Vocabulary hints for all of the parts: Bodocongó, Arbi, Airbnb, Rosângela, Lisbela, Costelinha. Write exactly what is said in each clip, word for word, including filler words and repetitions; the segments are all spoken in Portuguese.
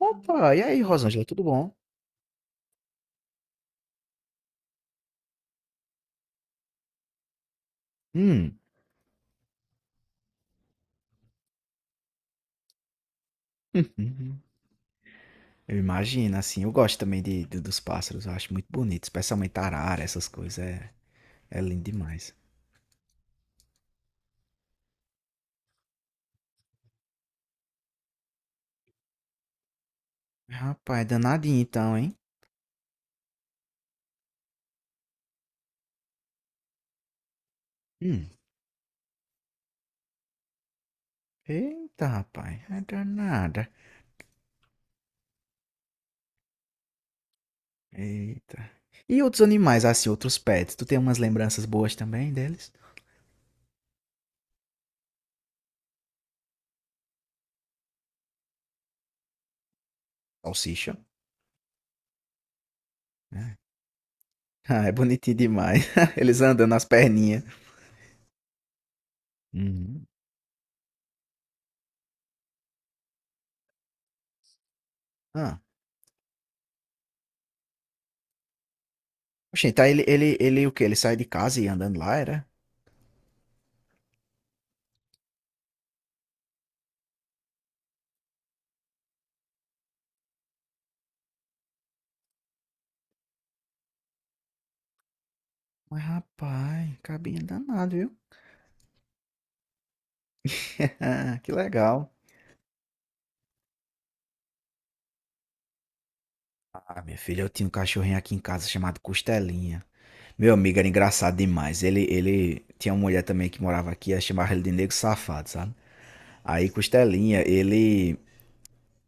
Opa, e aí, Rosângela, tudo bom? Hum. Eu imagino, assim, eu gosto também de, de- dos pássaros, eu acho muito bonito, especialmente arara, essas coisas, é, é lindo demais. Rapaz, é danadinho então, hein? Hum. Eita, rapaz, é danada. Eita. E outros animais, assim, outros pets, tu tem umas lembranças boas também deles? Salsicha. Ah, é bonitinho demais. Eles andando nas perninhas. Uhum. Ah. Oxente, tá, ele, ele, ele o quê? Ele sai de casa e ia andando lá, era? Mas rapaz, cabinho danado, viu? Que legal. Ah, minha filha, eu tinha um cachorrinho aqui em casa chamado Costelinha. Meu amigo era engraçado demais. Ele, ele tinha uma mulher também que morava aqui, ela chamava ele de negro safado, sabe? Aí Costelinha, ele,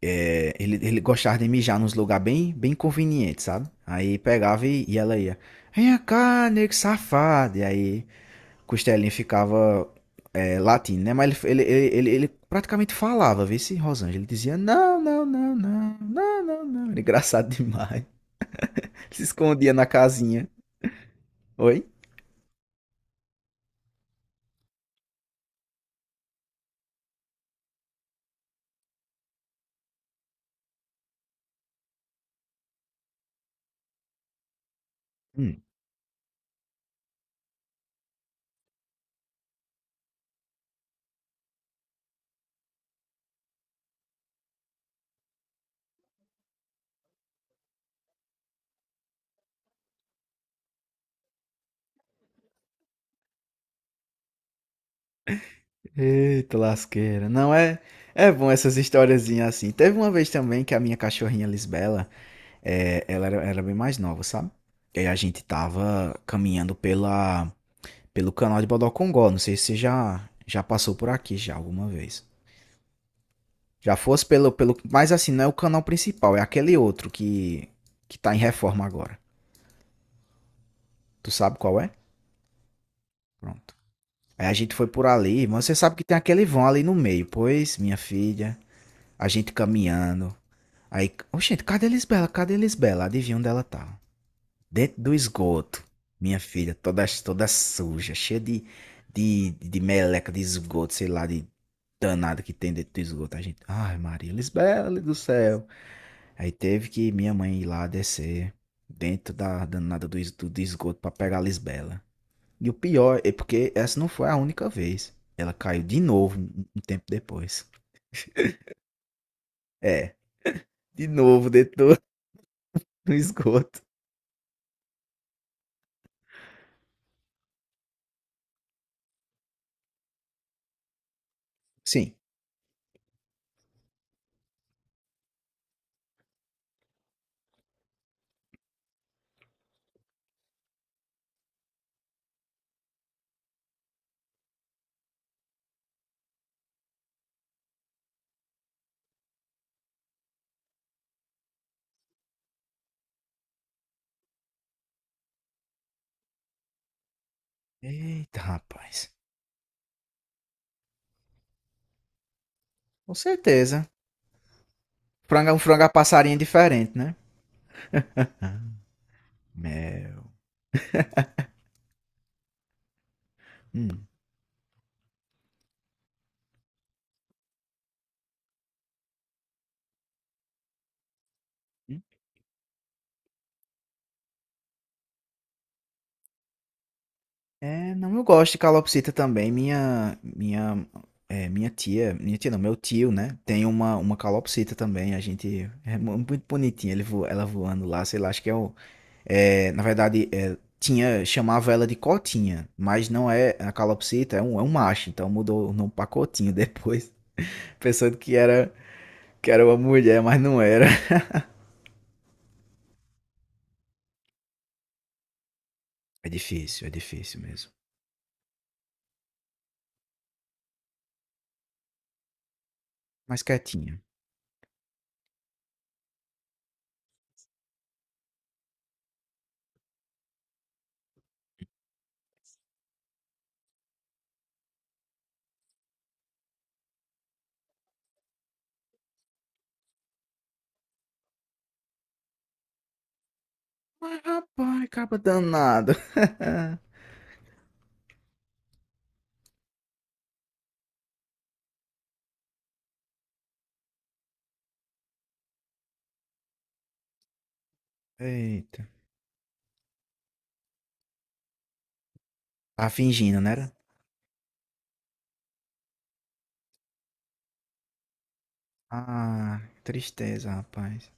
é, ele, ele gostava de mijar nos lugares bem, bem convenientes, sabe? Aí pegava e, e ela ia, vem cá, negro safado. E aí Costelinha ficava é, latindo, né? Mas ele, ele, ele, ele, praticamente falava, vê se Rosângela. Ele dizia não, não, não, não, não, não, não. Era engraçado demais. Ele se escondia na casinha. Oi? Hum. Eita lasqueira. Não é. É bom essas historiazinhas assim. Teve uma vez também que a minha cachorrinha Lisbela, é, ela era, era bem mais nova, sabe? E aí a gente tava caminhando pela, pelo canal de Bodocongó. Não sei se você já, já passou por aqui já alguma vez. Já fosse pelo, pelo. Mas assim, não é o canal principal, é aquele outro que, que tá em reforma agora. Tu sabe qual é? Pronto. Aí a gente foi por ali, mas você sabe que tem aquele vão ali no meio. Pois, minha filha, a gente caminhando. Aí, ô gente, cadê a Lisbela? Cadê a Lisbela? Adivinha onde ela tá? Dentro do esgoto. Minha filha, toda, toda suja, cheia de, de, de meleca, de esgoto, sei lá, de danada que tem dentro do esgoto. A gente, ai Maria, Lisbela do céu. Aí teve que minha mãe ir lá descer dentro da danada do, es- do esgoto pra pegar a Lisbela. E o pior é porque essa não foi a única vez. Ela caiu de novo um um tempo depois. É, de novo dentro do, do esgoto. Sim. Eita, rapaz. Com certeza. Frango é um frango a passarinho diferente, né? Mel. Hum. Hum. É, não, eu gosto de calopsita também. Minha, minha, é, minha tia, minha tia não, meu tio, né? Tem uma, uma calopsita também. A gente é mu- muito bonitinha. Ele vo, ela voando lá, sei lá. Acho que é o, é, na verdade, é, tinha chamava ela de cotinha, mas não é a calopsita, é um, é um macho. Então mudou o nome pra cotinho depois, pensando que era que era uma mulher, mas não era. É difícil, é difícil mesmo. Mas quietinha. Mas rapaz, acaba danado. Eita. Tá fingindo, né? Ah, tristeza, rapaz.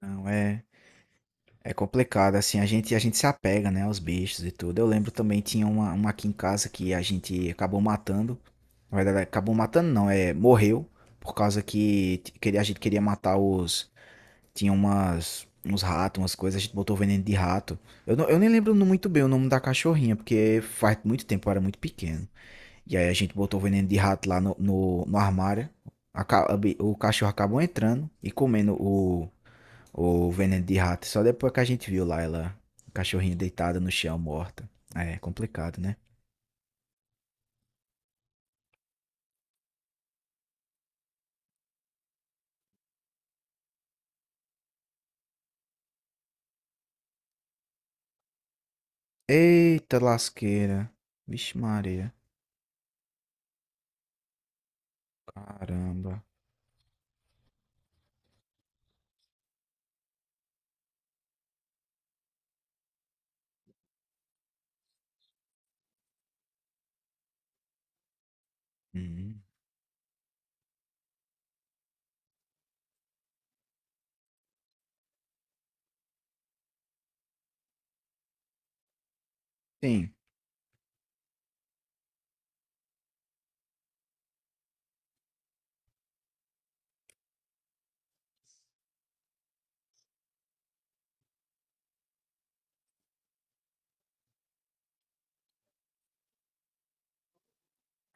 Não, é, é complicado, assim, a gente, a gente se apega, né, aos bichos e tudo. Eu lembro também, tinha uma, uma aqui em casa que a gente acabou matando. Na verdade, acabou matando não, é, morreu, por causa que t- queria, a gente queria matar os... Tinha umas, uns ratos, umas coisas, a gente botou veneno de rato. Eu, não- eu nem lembro muito bem o nome da cachorrinha, porque faz muito tempo, eu era muito pequeno. E aí a gente botou o veneno de rato lá no, no, no armário. Aca- o cachorro acabou entrando e comendo o, o veneno de rato. Só depois que a gente viu lá ela, o cachorrinho deitada no chão, morta. É complicado, né? Eita lasqueira. Vixe Maria. Caramba. Hum. Sim.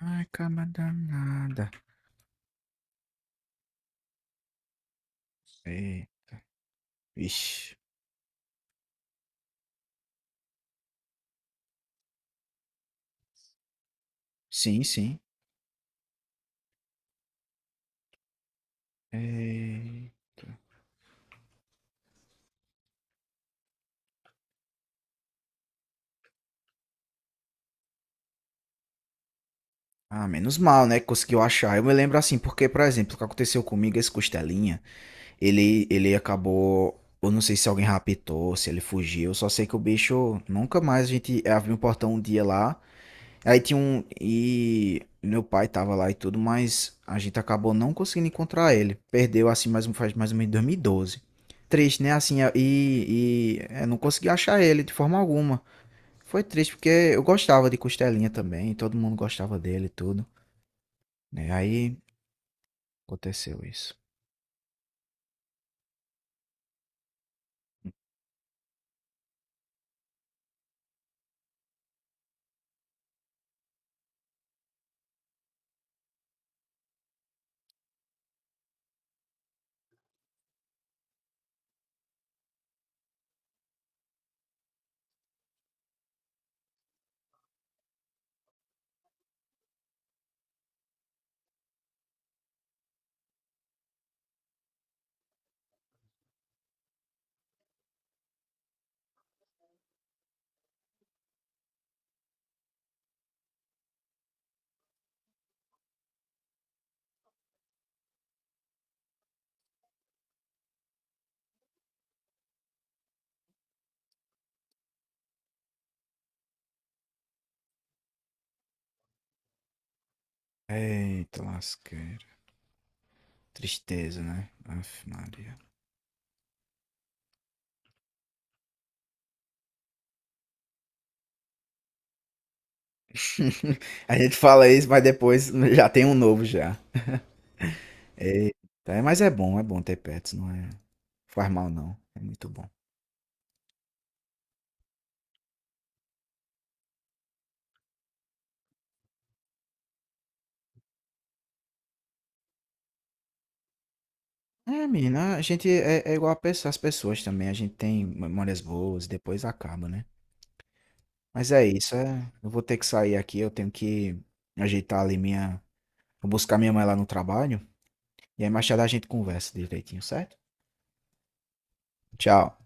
Ai, cama danada. É. Vixe. Sim, sim. É. Ah, menos mal, né, que conseguiu achar. Eu me lembro assim, porque, por exemplo, o que aconteceu comigo, esse costelinha. Ele, ele acabou. Eu não sei se alguém raptou, se ele fugiu. Eu Só sei que o bicho. Nunca mais a gente abriu um portão um dia lá. Aí tinha um. E meu pai tava lá e tudo, mas a gente acabou não conseguindo encontrar ele. Perdeu assim mais um, faz mais ou menos em dois mil e doze. Triste, né? Assim, é- e, e é, não consegui achar ele de forma alguma. Foi triste porque eu gostava de Costelinha também, todo mundo gostava dele e tudo. Né? Aí aconteceu isso. Eita, lasquei. Tristeza, né? Aff, Maria. A gente fala isso, mas depois já tem um novo já. Eita, é, mas é bom, é bom ter pets, não é? Faz mal não, é muito bom. É, menina, a gente é, é igual a pessoa- as pessoas também, a gente tem memórias boas, depois acaba, né? Mas é isso, é, eu vou ter que sair aqui, eu tenho que ajeitar ali minha, vou buscar minha mãe lá no trabalho, e aí mais tarde a gente conversa direitinho, certo? Tchau.